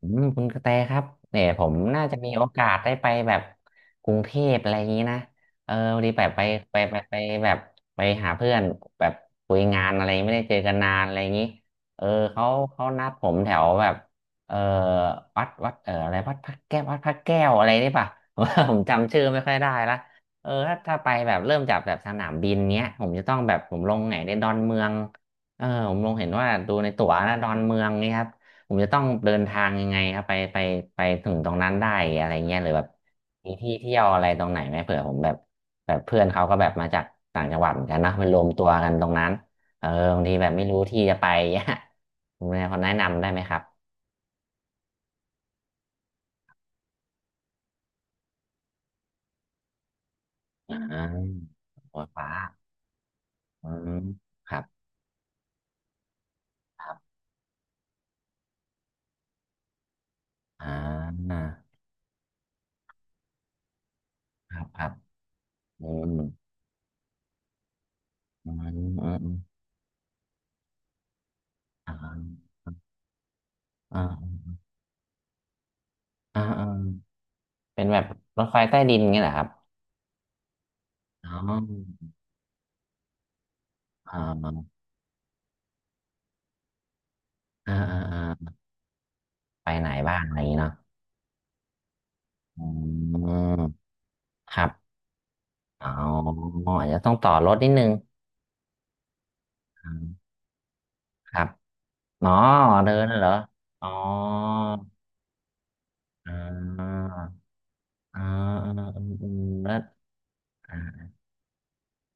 อืมคุณกระแตครับเนี่ยผมน่าจะมีโอกาสได้ไปแบบกรุงเทพอะไรอย่างนี้นะพอดีแบบไปไปแบบไปหาเพื่อนแบบคุยงานอะไรไม่ได้เจอกันนานอะไรอย่างนี้เออเขาเขานัดผมแถวแบบเออวัดอะไรวัดพระแก้วอะไรนี่ป่ะ ผมจำชื่อไม่ค่อยได้ละเออถ้าไปแบบเริ่มจากแบบสนามบินเนี้ยผมจะต้องแบบผมลงไหนในดอนเมืองเออผมลงเห็นว่าดูในตั๋วนะดอนเมืองนี่ครับ ผมจะต้องเดินทางยังไงครับไปไปถึงตรงนั้นได้อะไรเงี้ยหรือแบบมีที่เที่ยวอะไรตรงไหนไหมเผื่อผมแบบแบบเพื่อนเขาก็แบบมาจากต่างจังหวัดเหมือนกันนะมันรวมตัวกันตรงนั้นเออบางทีแบบไม่รู้ที่จะไป เนี่ยคุณแม่คนแนะนำได้ไหมครับอ่าโอ้ฟ้าอืมครับครับอ่าครับอืมอืมอืมอ่าอ่าอ่าเป็นแบบรถไฟใต้ดินเงี้ยเหรอครับอ๋ออ่าอ่าอ่า ไปไหนบ้างอะไรอย่างงี้เนาะอืมครับอ๋ออาจจะต้องต่อรถนิดนึงอืมครับอ๋อเดินน่ะเหรออ๋ออ่าอ่าอ่าอืมแล้วอ่า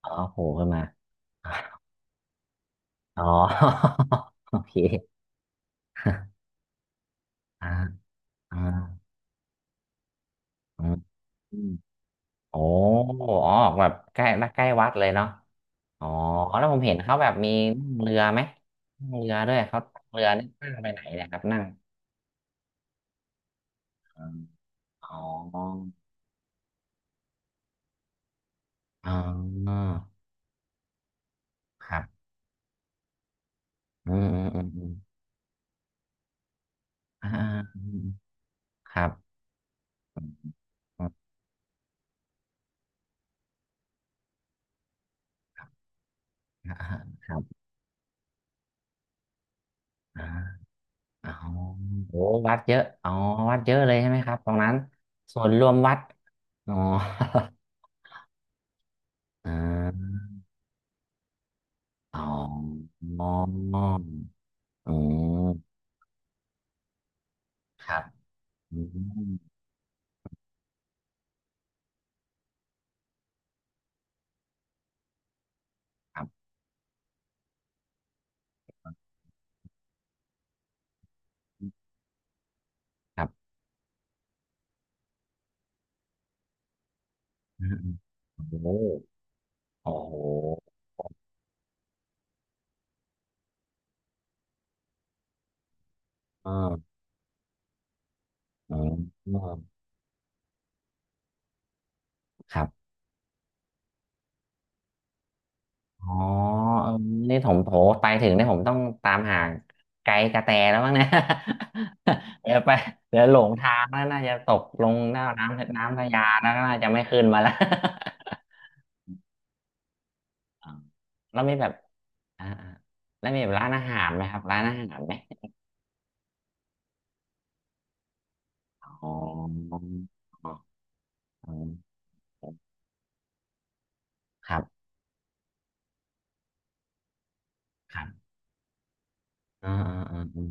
อ๋อโผล่ขึ้นมาอ๋อ โอเค อ่าอ่าอืมอืมโอ้อ๋อแบบใกล้ใกล้วัดเลยเนาะอ๋อแล้วผมเห็นเขาแบบมีนั่งเรือไหมนั่งเรือด้วยเขานั่งเรือนี่นั่งไปไหนเนี่ยครับนั่ง อ๋ออ๋อครับอืมอ่าอืมครับอืมอืมครับอ่าครับอ่าอ๋อโอ้วัดเยอะอ๋อวัดเยอะเลยใช่ไหมครับตรงนั้นส่วนรวมวัดอ๋อ อ่าอ๋ออ๋อมอืมครับอืมครับครับอืมโอ้โหโอ้โหเออเอมครับ อ๋อเออนี่ผมโถไปถึงเนี่ยผมต้องตามหาไกด์กระแตแล้วมั้งเนี่ย เดี๋ยวไปเดี๋ยวหลงทางแล้วน่าจะตกลงหน้าน้ำน้ำพญาแล้วน่าจะไม่ขึ้นมาแล้ว อ๋อแล้วมีแบบอ่าแล้วมีแบบร้านอาหารไหมครับร้านอาหารไหมอ๋ออ๋อครับ ครับอ่าอม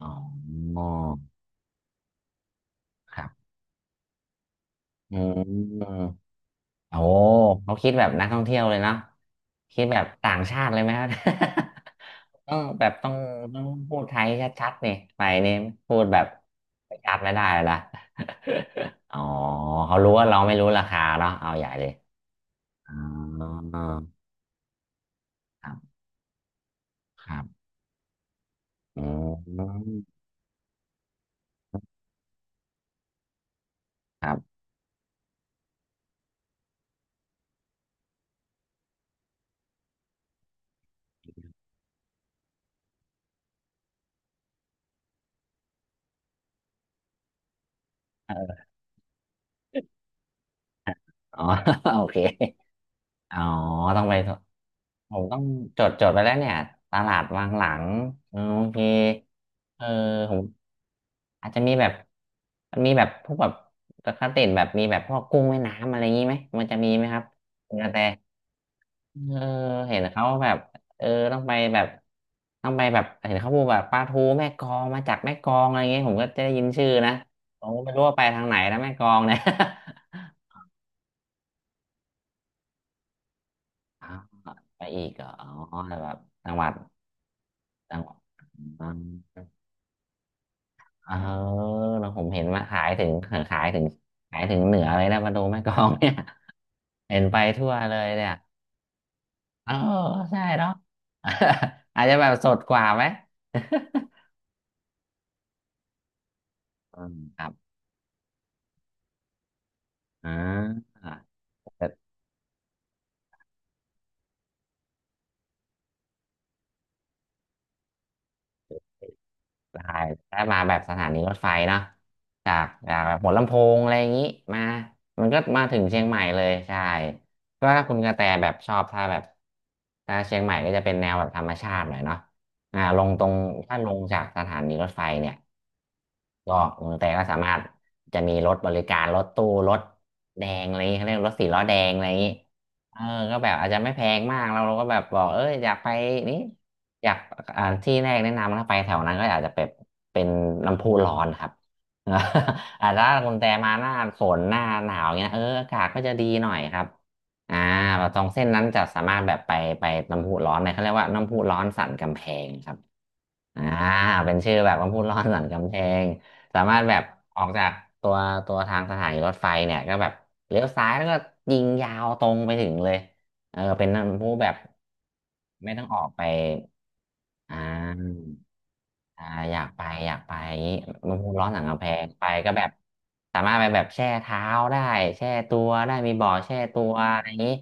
อ๋อครับอืม โอ้เขาคิดแบบนักท่องเที่ยวเลยเนาะคิดแบบต่างชาติเลยไหมครับ ต้องแบบต้องพูดไทยชัดๆนี่ไปนี่พูดแบบชัดไม่ได้ละ อ๋อเขารู้ว่าเราไม่รู้ราคาเนาะเอาใหญ่เลยอ๋อครับครับอืมครับอ๋อ โอเคอ๋อต้องไป ผมต้องจดจดไปแล้วเนี่ยตลาดวางหลังเออโอเคเออผมอาจจะมีแบบมีแบบพวกแบบปกติแบบมีแบบพวกกุ้งแม่น้ำอะไรอย่างนี้ไหมมันจะมีไหมครับคุณกระแตเออเห็นเขาแบบเออต้องไปแบบต้องไปแบบเห็นเขาพูดแบบปลาทูแม่กลองมาจากแม่กลองอะไรอย่างเงี้ยผมก็จะได้ยินชื่อนะผมก็ไม่รู้ว่าไปทางไหนนะแม่กลองเนี่ย ออไปอีกเหรออ๋อแต่แบบจังหวัดจังหวัดอืมเออแล้วผมเห็นมาขายถึงขายถึงขายถึงเหนือเลยนะมาดูแม่กลองเนี่ย เห็นไปทั่วเลยเนี่ยเออใช่เนาะ อาจจะแบบสดกว่าไหม อืม ครับอ่า ได้ถ้ามาแบบสถานีรถไฟเนอะจากแบบหัวลำโพงอะไรอย่างนี้มามันก็มาถึงเชียงใหม่เลยใช่ก็ถ้าคุณกระแตแบบชอบถ้าแบบถ้าเชียงใหม่ก็จะเป็นแนวแบบธรรมชาติหน่อยเนาะอ่าลงตรงถ้าลงจากสถานีรถไฟเนี่ย ก็เมืองไทยก็สามารถจะมีรถบริการรถตู้รถแดงอะไรอย่างงี้เขาเรียกรถสี่ล้อแดงอะไรอย่างนี้เออก็แบบอาจจะไม่แพงมากเราก็แบบบอกเอออยากไปนี่อยากอ่าที่แรกแนะนำถ้าไปแถวนั้นก็อาจจะเป็นน้ำพุร้อนครับ อาจจะถ้าคุณแต่มาหน้าฝนหน้าหนาวเงี้ยเอออากาศก็จะดีหน่อยครับอ่าแบบตรงเส้นนั้นจะสามารถแบบไปน้ำพุร้อนเนี่ยเขาเรียกว่าน้ำพุร้อนสันกำแพงครับ อ่าเป็นชื่อแบบว่าพูดล่อสันกำแพงสามารถแบบออกจากตัวตัวทางสถานีรถไฟเนี่ยก็แบบเลี้ยวซ้ายแล้วก็ยิงยาวตรงไปถึงเลยเออเป็นผู้แบบไม่ต้องออกไปอ่าอ่าอยากไปอยากไปอย่างนี้มันพูดร้อสังกำแพงไปก็แบบสามารถไปแบบแช่เท้าได้แช่ตัวได้มีบ่อแช่ตัวอะไรอย่างนี้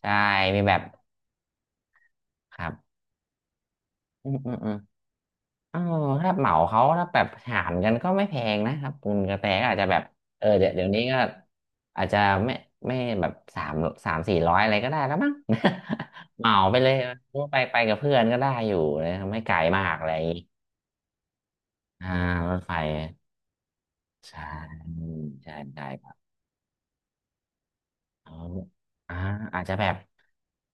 ใช่มีแบบครับอืม เออถ้าเหมาเขาถ้าแบบถามกันก็ไม่แพงนะครับคุณกระแตก็อาจจะแบบเดี๋ยวเดี๋ยวนี้ก็อาจจะไม่ไม่แบบสามสี่ร้อยอะไรก็ได้แล้วมั้ง เหมาไปเลยไปกับเพื่อนก็ได้อยู่เลยไม่ไกลมากอะไรอย่างงี้อ่ารถไฟใช่ใช่ครับอออ่าอาจจะแบบ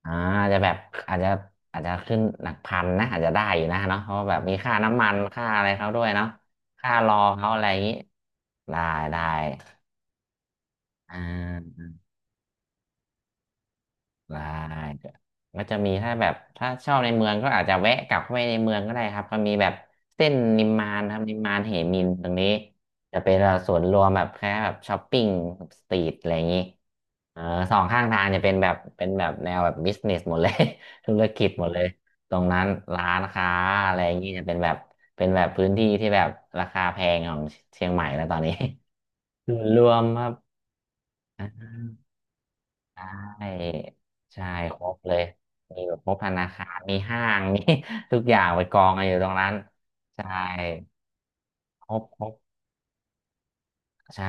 อ่าอาจจะแบบอาจจะอาจจะขึ้นหลักพันนะอาจจะได้อยู่นะเนาะเพราะว่าแบบมีค่าน้ำมันค่าอะไรเขาด้วยเนาะค่ารอเขาอะไรอย่างนี้ได้ได้อ่า ได้ก็จะมีถ้าแบบถ้าชอบในเมืองก็อาจจะแวะกลับเข้าไปในเมืองก็ได้ครับก็มีแบบเส้นนิมมานครับนิมมานเหมินตรงนี้จะเป็นแบบสวนรวมแบบแค่แบบช้อปปิ้งสตรีทอะไรอย่างนี้เออสองข้างทางจะเป็นแบบเป็นแบบแนวแบบบิสเนสหมดเลย ธุรกิจหมดเลยตรงนั้นร้านค้าอะไรอย่างนี้จะเป็นแบบเป็นแบบพื้นที่ที่แบบราคาแพงของเชียงใหม่แล้วตอนนี้ ส่วนรวมครับ ใช่ใช่ครบเลยมีแบบครบธนาคารมีห้างมี ทุกอย่างไปกองกันอยู่ตรงนั้นใช่ครบครบใช่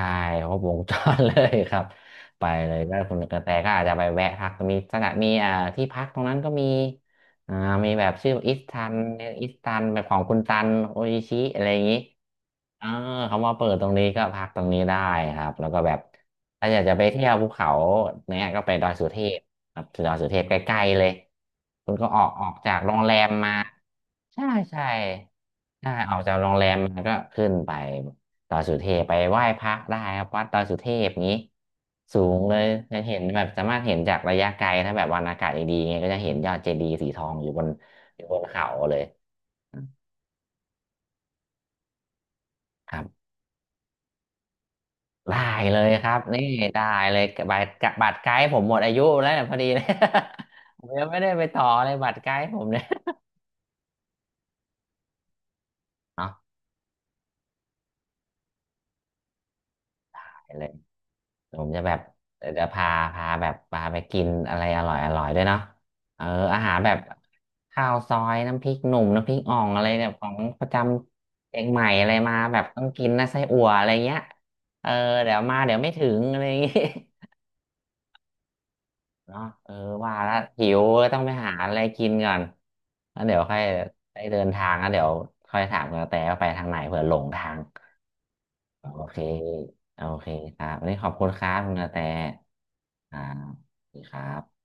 ครบวงจรเลยครับ ไปเลยก็คุณกระแตก็อาจจะไปแวะพักมีสถานมีที่พักตรงนั้นก็มีอ่ามีแบบชื่ออิสตันอิสตันแบบของคุณตันโออิชิอะไรอย่างนี้ อ่าเขามาเปิดตรงนี้ก็พักตรงนี้ได้ครับแล้วก็แบบถ้าอยากจะไปเที่ยวภูเขาเนี้ยก็ไปดอยสุเทพครับดอยสุเทพใกล้ๆเลยคุณก็ออกจากโรงแรมมาใช่ใช่ใช่ออกจากโรงแรมมาก็ขึ้นไปดอยสุเทพไปไหว้พระได้ครับวัดดอยสุเทพนี้สูงเลยจะเห็นแบบสามารถเห็นจากระยะไกลถ้าแบบวันอากาศดีๆไงก็จะเห็นยอดเจดีย์สีทองอยู่บนอยู่บนเขาเลยครับ ได้เลยครับนี่ได้เลยบัตรบัตรไกด์ผมหมดอายุแล้วเนี่ยพอดีเลย ผมยังไม่ได้ไปต่อเลยบัตรไกด์ผมเนี่ย เนาะไปเลยผมจะแบบเดี๋ยวจะพาแบบพาไปกินอะไรอร่อยด้วยเนาะเอออาหารแบบข้าวซอยน้ำพริกหนุ่มน้ำพริกอ่องอะไรเนี่ยของประจำเชียงใหม่อะไรมาแบบต้องกินนะไส้อั่วอะไรเงี้ยเออเดี๋ยวมาเดี๋ยวไม่ถึงอะไรอย่างงี้ เนาะเออว่าแล้วหิวก็ต้องไปหาอะไรกินก่อนแล้วเดี๋ยวค่อยไปเดินทางแล้วเดี๋ยวค่อยถามกระแตว่าไปทางไหนเผื่อหลงทางโอเคโอเคครับวันนี้ขอบคุณครับคุณกระแตอ่าสวัสดีครับ